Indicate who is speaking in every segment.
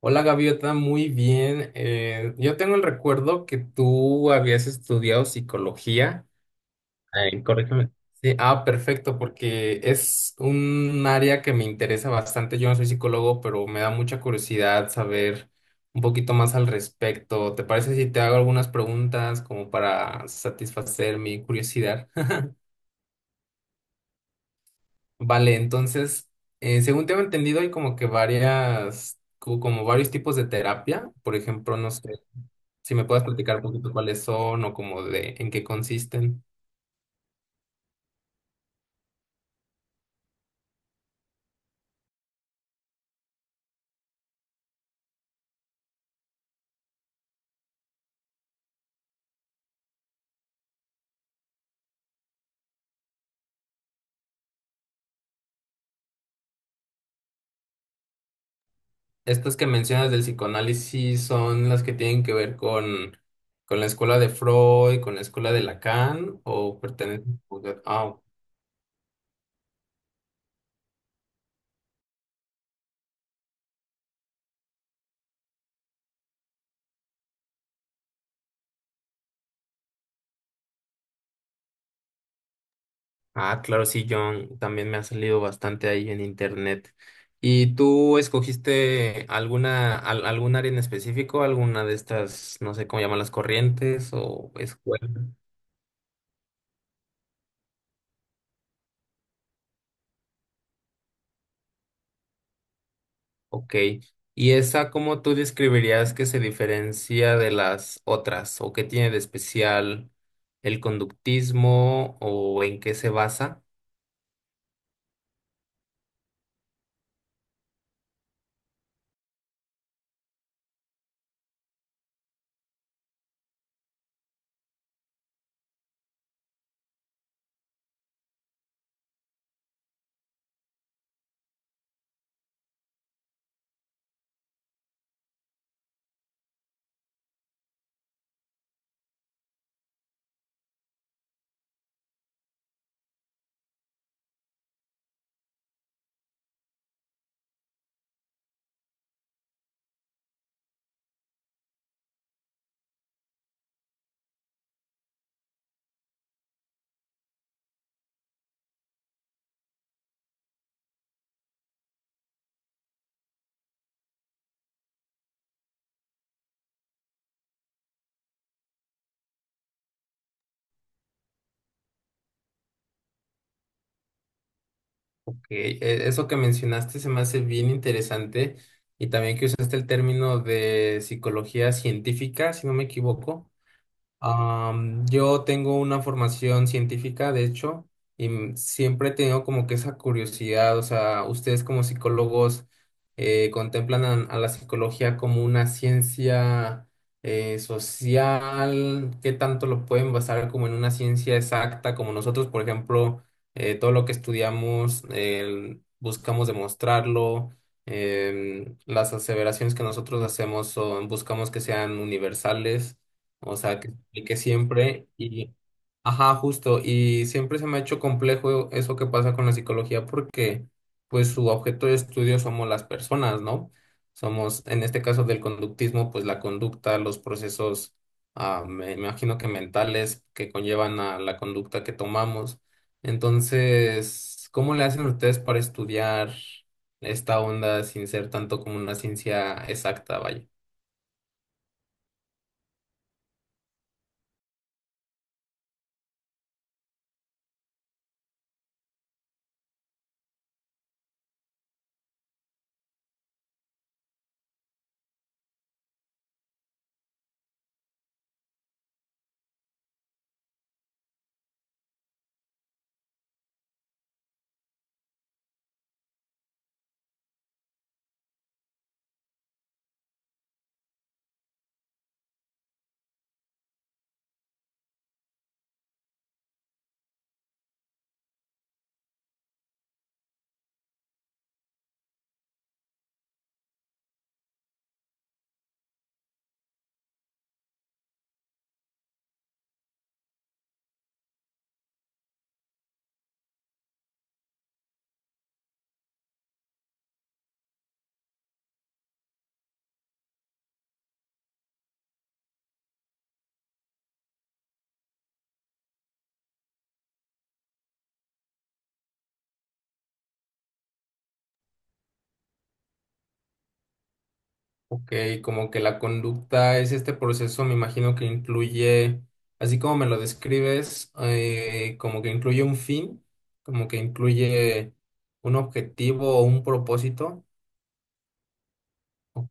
Speaker 1: Hola Gaviota, muy bien. Yo tengo el recuerdo que tú habías estudiado psicología. Corrígeme. Sí, ah, perfecto, porque es un área que me interesa bastante. Yo no soy psicólogo, pero me da mucha curiosidad saber un poquito más al respecto. ¿Te parece si te hago algunas preguntas como para satisfacer mi curiosidad? Vale, entonces, según tengo entendido, hay como que como varios tipos de terapia. Por ejemplo, no sé. Si me puedes platicar un poquito cuáles son o como de en qué consisten. Estas que mencionas del psicoanálisis son las que tienen que ver con la escuela de Freud, con la escuela de Lacan o pertenecen... ah, ah, claro, sí, John, también me ha salido bastante ahí en internet. ¿Y tú escogiste alguna, algún área en específico, alguna de estas, no sé cómo llaman las corrientes o escuelas? Ok. ¿Y esa cómo tú describirías que se diferencia de las otras? ¿O qué tiene de especial el conductismo? ¿O en qué se basa? Ok, eso que mencionaste se me hace bien interesante. Y también que usaste el término de psicología científica, si no me equivoco. Yo tengo una formación científica, de hecho, y siempre he tenido como que esa curiosidad, o sea, ustedes como psicólogos contemplan a la psicología como una ciencia social, ¿qué tanto lo pueden basar como en una ciencia exacta? Como nosotros, por ejemplo, todo lo que estudiamos buscamos demostrarlo. Las aseveraciones que nosotros hacemos son, buscamos que sean universales. O sea, que se aplique siempre y, ajá, justo, y siempre se me ha hecho complejo eso que pasa con la psicología porque pues su objeto de estudio somos las personas, ¿no? Somos, en este caso del conductismo, pues la conducta, los procesos, ah, me imagino que mentales que conllevan a la conducta que tomamos. Entonces, ¿cómo le hacen ustedes para estudiar esta onda sin ser tanto como una ciencia exacta, vaya? Ok, como que la conducta es este proceso, me imagino que incluye, así como me lo describes, como que incluye un fin, como que incluye un objetivo o un propósito. O-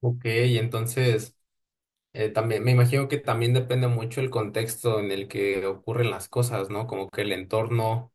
Speaker 1: Ok, entonces también me imagino que también depende mucho el contexto en el que ocurren las cosas, ¿no? Como que el entorno.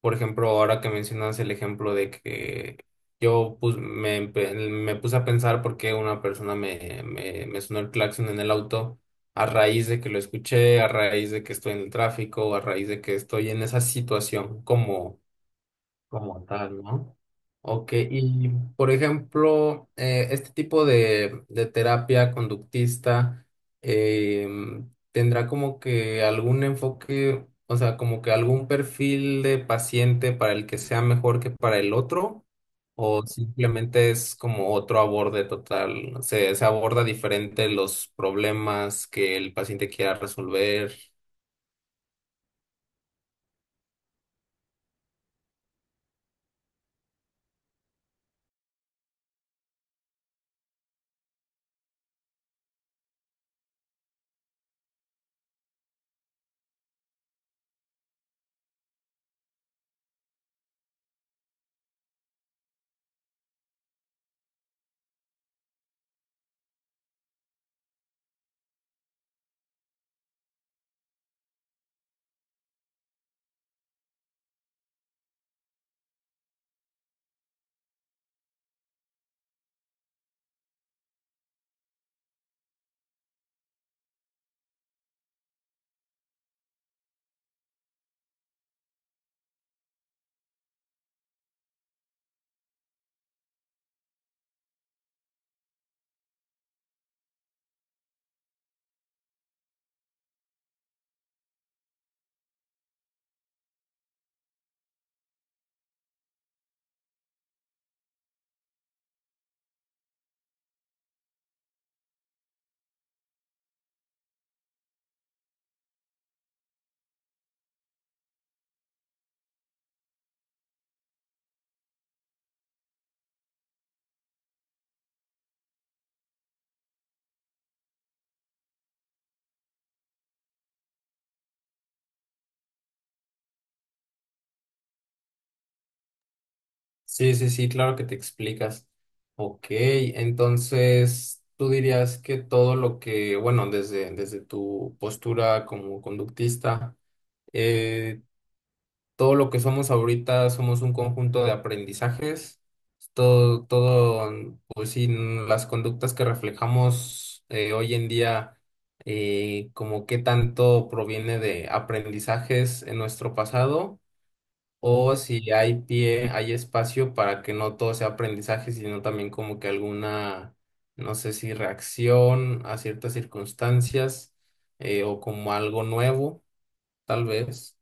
Speaker 1: Por ejemplo, ahora que mencionas el ejemplo de que yo me puse a pensar por qué una persona me sonó el claxon en el auto a raíz de que lo escuché, a raíz de que estoy en el tráfico, a raíz de que estoy en esa situación como como tal, ¿no? Ok, y por ejemplo, este tipo de terapia conductista tendrá como que algún enfoque, o sea, como que algún perfil de paciente para el que sea mejor que para el otro, o simplemente es como otro aborde total, se aborda diferente los problemas que el paciente quiera resolver. Sí, sí, sí, claro que te explicas. Ok, entonces tú dirías que todo lo que, bueno, desde, desde tu postura como conductista, eh, todo lo que somos ahorita somos un conjunto de aprendizajes. Todo, todo, pues sí, las conductas que reflejamos hoy en día, como qué tanto proviene de aprendizajes en nuestro pasado o si hay pie, hay espacio para que no todo sea aprendizaje, sino también como que alguna, no sé si reacción a ciertas circunstancias o como algo nuevo, tal vez.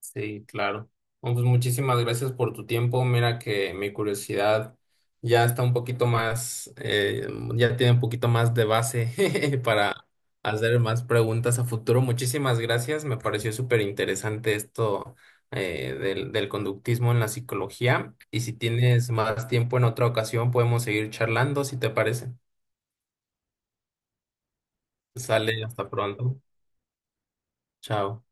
Speaker 1: Sí, claro. Bueno, pues muchísimas gracias por tu tiempo. Mira que mi curiosidad ya está un poquito más, ya tiene un poquito más de base para hacer más preguntas a futuro. Muchísimas gracias. Me pareció súper interesante esto del conductismo en la psicología. Y si tienes más tiempo en otra ocasión, podemos seguir charlando, si te parece. Sale, hasta pronto. Chao.